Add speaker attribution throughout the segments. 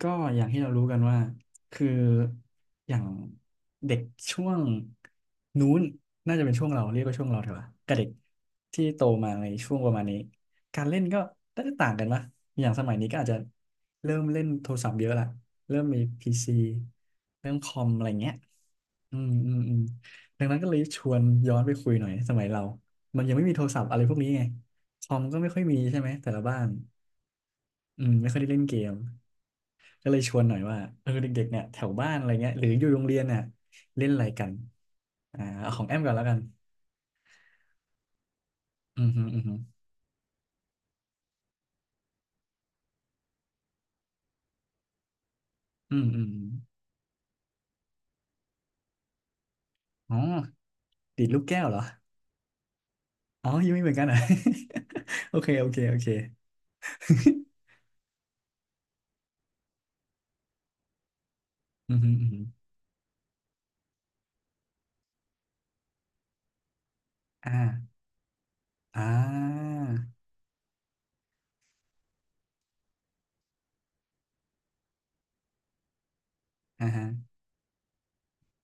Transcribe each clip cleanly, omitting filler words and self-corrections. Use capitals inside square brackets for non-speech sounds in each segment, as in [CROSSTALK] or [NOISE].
Speaker 1: ก็อย่างที่เรารู้กันว่าคืออย่างเด็กช่วงนู้นน่าจะเป็นช่วงเราเรียกว่าช่วงเราเถอะวะกับเด็กที่โตมาในช่วงประมาณนี้การเล่นก็น่าจะต่างกันปะอย่างสมัยนี้ก็อาจจะเริ่มเล่นโทรศัพท์เยอะละเริ่มมีพีซีเริ่มคอมอะไรเงี้ยอืมอืมอืมดังนั้นก็เลยชวนย้อนไปคุยหน่อยสมัยเรามันยังไม่มีโทรศัพท์อะไรพวกนี้ไงคอมก็ไม่ค่อยมีใช่ไหมแต่ละบ้านอืมไม่ค่อยได้เล่นเกม ก็เลยชวนหน่อยว่าเออเด็กๆเนี่ยแถวบ้านอะไรเงี้ยหรืออยู่โรงเรียนเนี่ยเล่นอะไรกันเอาของแอมก่อนแล้วกันอืมฮึอืมฮึอืมอืมอืมอ๋อดีดลูกแก้วเหรออ๋อยังไม่เหมือนกันเหรอ่ะ [LAUGHS] โอเคโอเคโอเค [LAUGHS] อืมฮึอืมฮึอ่าอ่าอ่าฮะ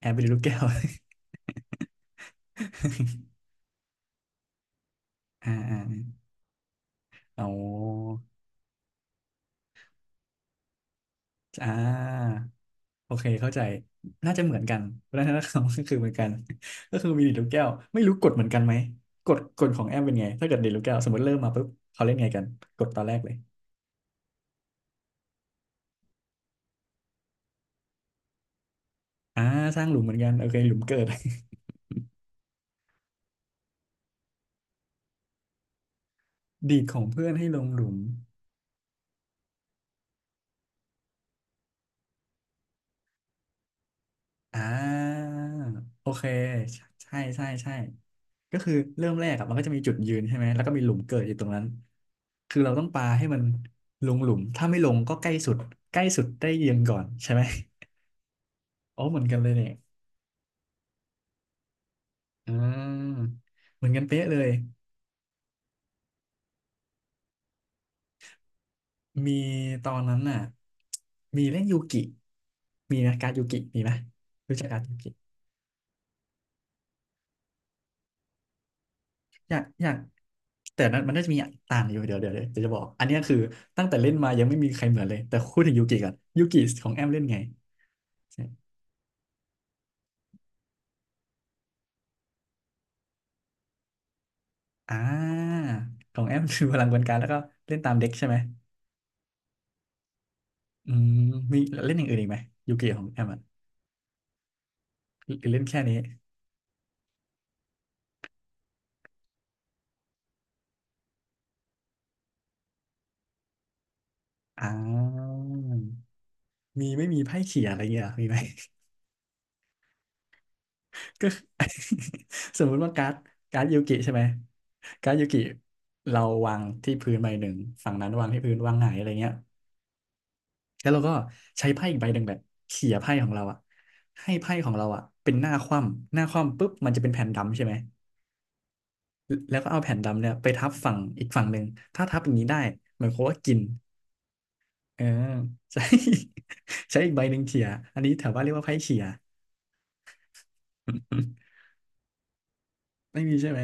Speaker 1: แอบไปดูลูกแก้ว [LAUGHS] อ่าอ่าอ๋ออ่า โอเคเข้าใจน่าจะเหมือนกันวัฒนธรรมก็คือเหมือนกัน [LAUGHS] ก็คือมีดีดลูกแก้วไม่รู้กฎเหมือนกันไหมกฎของแอมเป็นไงถ้าเกิดดีดลูกแก้วสมมติเริ่มมาปุ๊บเขาเล่นไงกันกดตอนแรกเลยอ่าสร้างหลุมเหมือนกันโอเคหลุมเกิด [LAUGHS] ดีดของเพื่อนให้ลงหลุมอ่าโอเคใช่ใช่ใช่ก็คือเริ่มแรกอะมันก็จะมีจุดยืนใช่ไหมแล้วก็มีหลุมเกิดอยู่ตรงนั้นคือเราต้องปาให้มันลงหลุมถ้าไม่ลงก็ใกล้สุดใกล้สุดได้ยืนก่อนใช่ไหมอ๋อเหมือนกันเลยเนี่ย อ่าเหมือนกันเป๊ะเลยมีตอนนั้นน่ะมีเล่นยูกิมีนะการดยูกิมีไหมรู้จักการดยูกิอยากอยากแต่นั้นมันน่าจะมีต่างอยู่เดี๋ยวจะบอกอันเนี้ยคือตั้งแต่เล่นมายังไม่มีใครเหมือนเลยแต่พูดถึงยูกิก่อนยูกิของแอมเล่นไงใช่อ่าของแอมคือพลังกลไกแล้วก็เล่นตามเด็กใช่ไหมอืมมีเล่นอย่างอื่นอีกไหมยูกิของแอมอ่ะหรือเล่นแค่นี้อ่ามีไม่มีไพ่เขี่ยอะไรเงี้ยเหรอมีไหม ก็ [LAUGHS] สมมุติว่าการ์ดการ์ดยูกิใช่ไหมการ์ดยูกิเราวางที่พื้นใบหนึ่งฝั่งนั้นวางที่พื้นวางหงายอะไรเงี้ยแล้วเราก็ใช้ไพ่อีกใบหนึ่งแบบเขี่ยไพ่ของเราอะให้ไพ่ของเราอะเป็นหน้าคว่ำหน้าคว่ำปุ๊บมันจะเป็นแผ่นดำใช่ไหมแล้วก็เอาแผ่นดำเนี่ยไปทับฝั่งอีกฝั่งหนึ่งถ้าทับอย่างนี้ได้เหมือนโคว่ากินเออ [LAUGHS] ใช้ [LAUGHS] ใช้อีกใบหนึ่งเขี่ยอันนี้แถวบ้านเรียกว่าไพ่เขี่ย [LAUGHS] ไม่มีใช่ไหม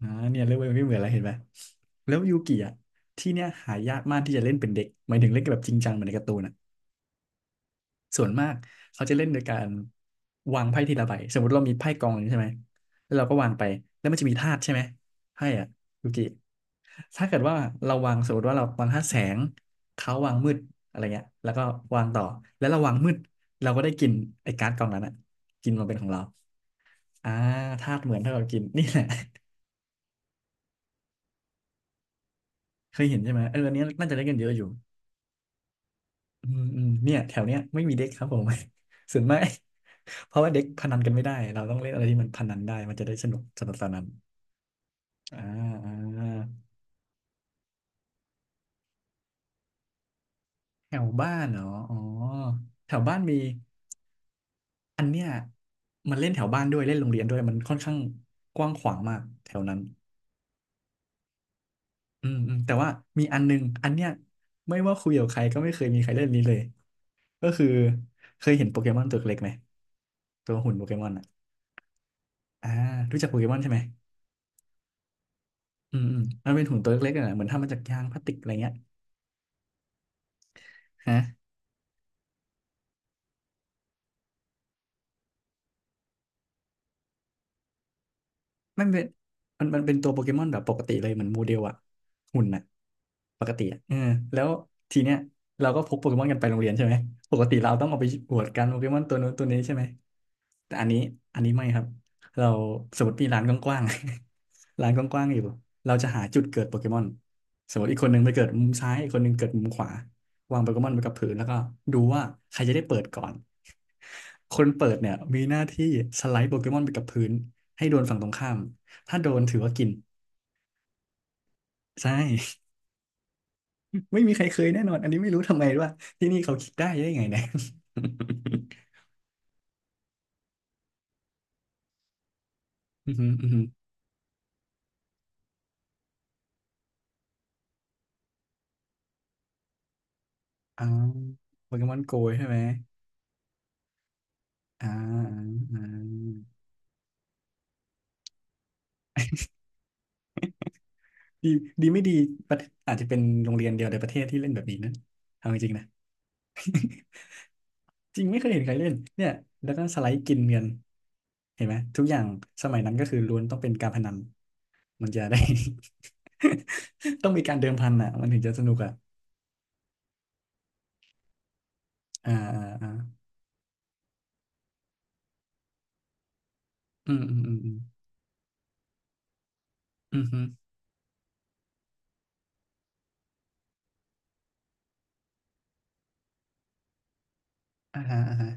Speaker 1: อ่าเนี่ยเริ่มไม่เหมือนแล้วเห็นไหมแล้วยูกิอ่ะที่เนี่ยหายากมากที่จะเล่นเป็นเด็กหมายถึงเล่นแบบจริงจังเหมือนในการ์ตูนอ่ะส่วนมากเขาจะเล่นโดยการวางไพ่ทีละใบสมมติเรามีไพ่กองหนึ่งใช่ไหมแล้วเราก็วางไปแล้วมันจะมีธาตุใช่ไหมไพ่อ่ะยูกิถ้าเกิดว่าเราวางสมมติว่าเราวางธาตุแสงเขาวางมืดอะไรเงี้ยแล้วก็วางต่อแล้วเราวางมืดเราก็ได้กินไอ้การ์ดกองนั้นอ่ะกินมาเป็นของเราอ่าธาตุเหมือนเท่ากับกินนี่แหละ [LAUGHS] เคยเห็นใช่ไหมเอออันนี้น่าจะเล่นกันเยอะอยู่ อืมอืมเนี่ยแถวเนี้ยไม่มีเด็กครับผม [LAUGHS] ส่วนมาก [LAUGHS] เพราะว่าเด็กพนันกันไม่ได้เราต้องเล่นอะไรที่มันพนันได้มันจะได้สนุกสนานอ่าอ่าแถวบ้านเหรออ๋อแถวบ้านมีอันเนี้ยมันเล่นแถวบ้านด้วยเล่นโรงเรียนด้วยมันค่อนข้างกว้างขวางมากแถวนั้นอืมอืมแต่ว่ามีอันนึงอันเนี้ยไม่ว่าคุยกับใครก็ไม่เคยมีใครเล่นนี้เลยก็คือเคยเห็นโปเกมอนตัวเล็กไหมตัวหุ่นโปเกมอนอ่ะอ่ารู้จักโปเกมอนใช่ไหม อืมอืมมันเป็นถุงตัวเล็กๆอะนะเหมือนทำมาจากยางพลาสติกอะไรเงี้ยฮะ ไม่เป็นมันเป็นตัวโปเกมอนแบบปกติเลยเหมือนโมเดลอะหุ่นอะปกติอะเออแล้วทีเนี้ยเราก็พกโปเกมอนกันไปโรงเรียนใช่ไหมปกติเราต้องเอาไปอวดกันโปเกมอนตัวนู้นตัวนี้ใช่ไหมแต่อันนี้อันนี้ไม่ครับเราสมมติมีร้านกว้างๆ [LAUGHS] ร้านกว้างๆอยู่เราจะหาจุดเกิดโปเกมอนสมมติอีกคนหนึ่งไปเกิดมุมซ้ายอีกคนหนึ่งเกิดมุมขวาวางโปเกมอนไปกับพื้นแล้วก็ดูว่าใครจะได้เปิดก่อนคนเปิดเนี่ยมีหน้าที่สไลด์โปเกมอนไปกับพื้น ให้โดนฝั่งตรงข้าม ถ้าโดนถือว่ากิน ใช่ [LAUGHS] ไม่มีใครเคยแน่นอน อันนี้ไม่รู้ทำไมว่าที่นี่เขาคิดได้ไงเนี่ย [LAUGHS] อือหืออือหืออ่าโปเกมอนโกใช่ไหมอ่าอ่าอ่าดีดีไม่ดีประเทศอาจจะเป็นโรงเรียนเดียวในประเทศที่เล่นแบบนี้นะเอาจริงๆนะ จริงไม่เคยเห็นใครเล่นเนี่ยแล้วก็สไลด์กินเงินเห็นไหม ทุกอย่าง สมัยนั้นก็คือล้วนต้องเป็นการพนันมันจะได้ [LAUGHS] ต้องมีการเดิมพันอ่ะมันถึงจะสนุกอ่ะอ่าอ่าอ่า อืมอืมอืมอืมอืมฮึอ่าฮะอ่าฮะ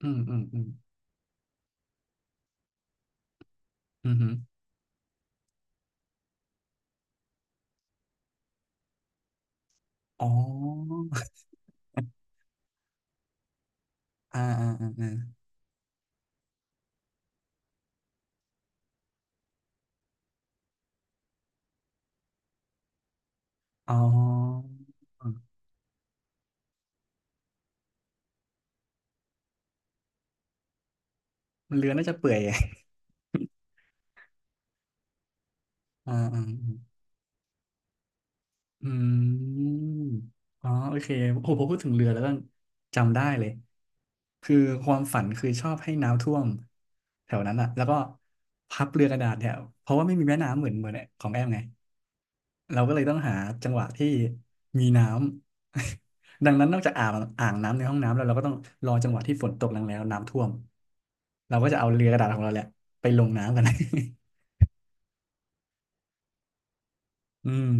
Speaker 1: อืมอืมอืมอืมฮึอ๋อ [LAUGHS] อ่าอ่าอ่าอาอ๋อเรือน่าจะเปื่อย [LAUGHS] ไงอ่าอ่าอ่าอืมอ๋อโอเคโอ้โหพอพูดถึงเรือแล้วก็จำได้เลยคือความฝันคือชอบให้น้ำท่วมแถวนั้นอ่ะแล้วก็พับเรือกระดาษแถวเพราะว่าไม่มีแม่น้ำเหมือนของแอมไง เราก็เลยต้องหาจังหวะที่มีน้ำ [LAUGHS] ดังนั้นนอกจากอ่างอ่างน้ำในห้องน้ำแล้วเราก็ต้องรอจังหวะที่ฝนตกแรงแล้วน้ำท่วมเราก็จะเอาเรือกระดาษของเราแหละไปลงน้ำกัน [LAUGHS] อืม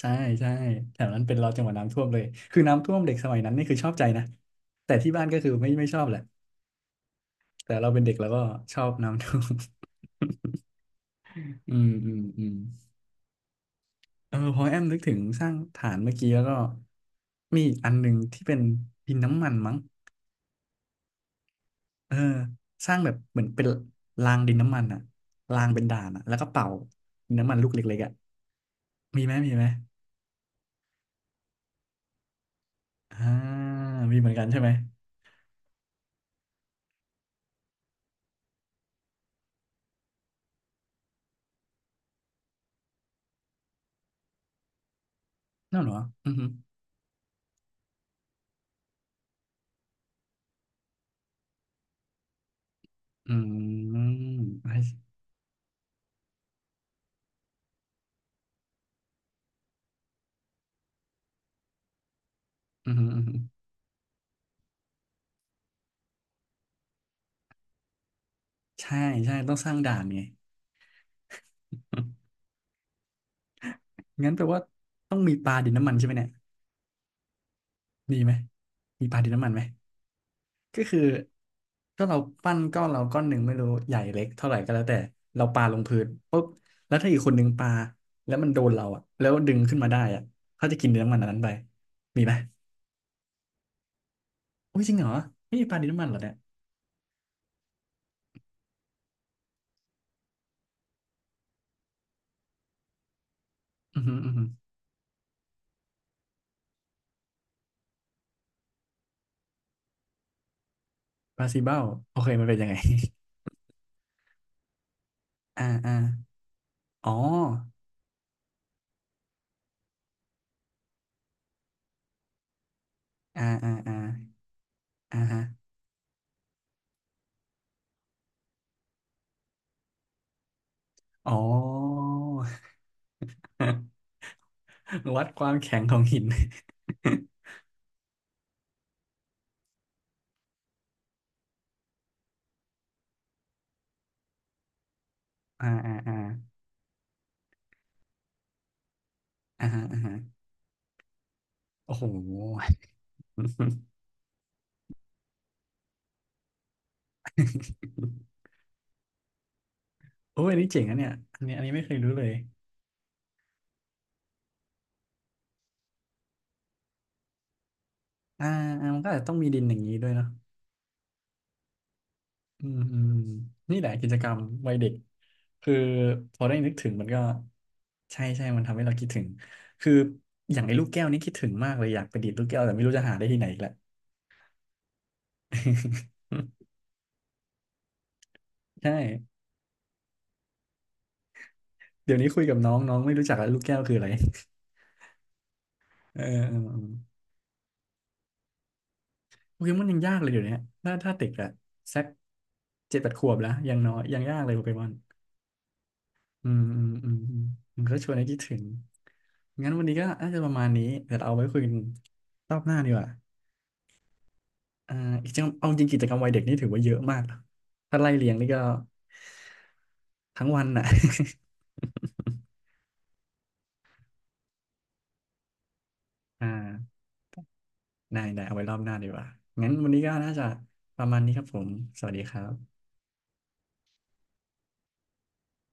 Speaker 1: ใช่ใช่แถวนั้นเป็นรอจังหวะน้ำท่วมเลยคือน้ำท่วมเด็กสมัยนั้นนี่คือชอบใจนะแต่ที่บ้านก็คือไม่ชอบแหละแต่เราเป็นเด็กเราก็ชอบน้ำท่วม [LAUGHS] อืมอืมอืมเออพอแอมนึกถึงสร้างฐานเมื่อกี้แล้วก็มีอีกอันหนึ่งที่เป็นดินน้ำมันมั้ง เออสร้างแบบเหมือนเป็นรางดินน้ำมันอะรางเป็นด่านอะแล้วก็เป่าดินน้ำมันลูกเล็กๆอะมีไหมมีไหมอ่ามีเหมือนกันใช่ไหมนั่นเหรออือหืออืมไอ้อือหืออือหือใช่ใช่ต้องสร้างด่านไง [LAUGHS] งั้นแปลว่าต้องมีปลาดินน้ำมันใช่ไหมเนี่ยมีไหมมีปลาดินน้ำมันไหม ก็คือถ้าเราปั้นก้อนเราก้อนหนึ่งไม่รู้ใหญ่เล็กเท่าไหร่ก็แล้วแต่เราปาลงพื้นปุ๊บแล้วถ้าอีกคนหนึ่งปาแล้วมันโดนเราอ่ะแล้วดึงขึ้นมาได้อ่ะเขาจะกินเนื้อมันอันนั้นไปมีไหมอุ้ยจริงเหรอไม่มีปลาดินน้ำมันเหรอเนี่ยอือหืออือหือปลาซีเบ้าโอเคมันเป็นยังไง [LAUGHS] อ่าอ่าอ๋ออ่าอ่าอ่าอ่าฮะอ๋อ [LAUGHS] วัดความแข็งของหิน [LAUGHS] อ่าอ่าอ่าอ่าฮะอ่าฮะโอ้โห โอ้ยอันนี้เจ๋งนะเนี่ยอันนี้ไม่เคยรู้เลยอ่าอ่ามันก็อาจจะต้องมีดินอย่างนี้ด้วยเนาะอืมอืมนี่แหละกิจกรรมวัยเด็กคือพอได้นึกถึงมันก็ใช่ใช่มันทำให้เราคิดถึงคืออย่างไอ้ลูกแก้วนี่คิดถึงมากเลยอยากไปดีดลูกแก้วแต่ไม่รู้จะหาได้ที่ไหนอีกแล้ว [LAUGHS] ใช่เดี๋ยวนี้คุยกับน้องน้องไม่รู้จักแล้วลูกแก้วคืออะไร [LAUGHS] เออเออเออโปเกมอนยังยากเลยเดี๋ยวนี้ถ้าเด็กอะสักเจ็ดแปดขวบแล้วยังน้อยยังยากเลยโปเกมอน อืมอืมอืมอืมมันก็ชวนให้คิดถึงงั้นวันนี้ก็น่าจะประมาณนี้เดี๋ยวเราเอาไว้คุยกันรอบหน้าดีกว่าอ่าอีกจริงเอาจริงกิจกรรมวัยเด็กนี่ถือว่าเยอะมากนะถ้าไล่เรียงนี่ก็ทั้งวันน่ะ [LAUGHS] อ่าได้ได้เอาไว้รอบหน้าดีกว่างั้นวันนี้ก็น่าจะประมาณนี้ครับผมสวัสดีครับ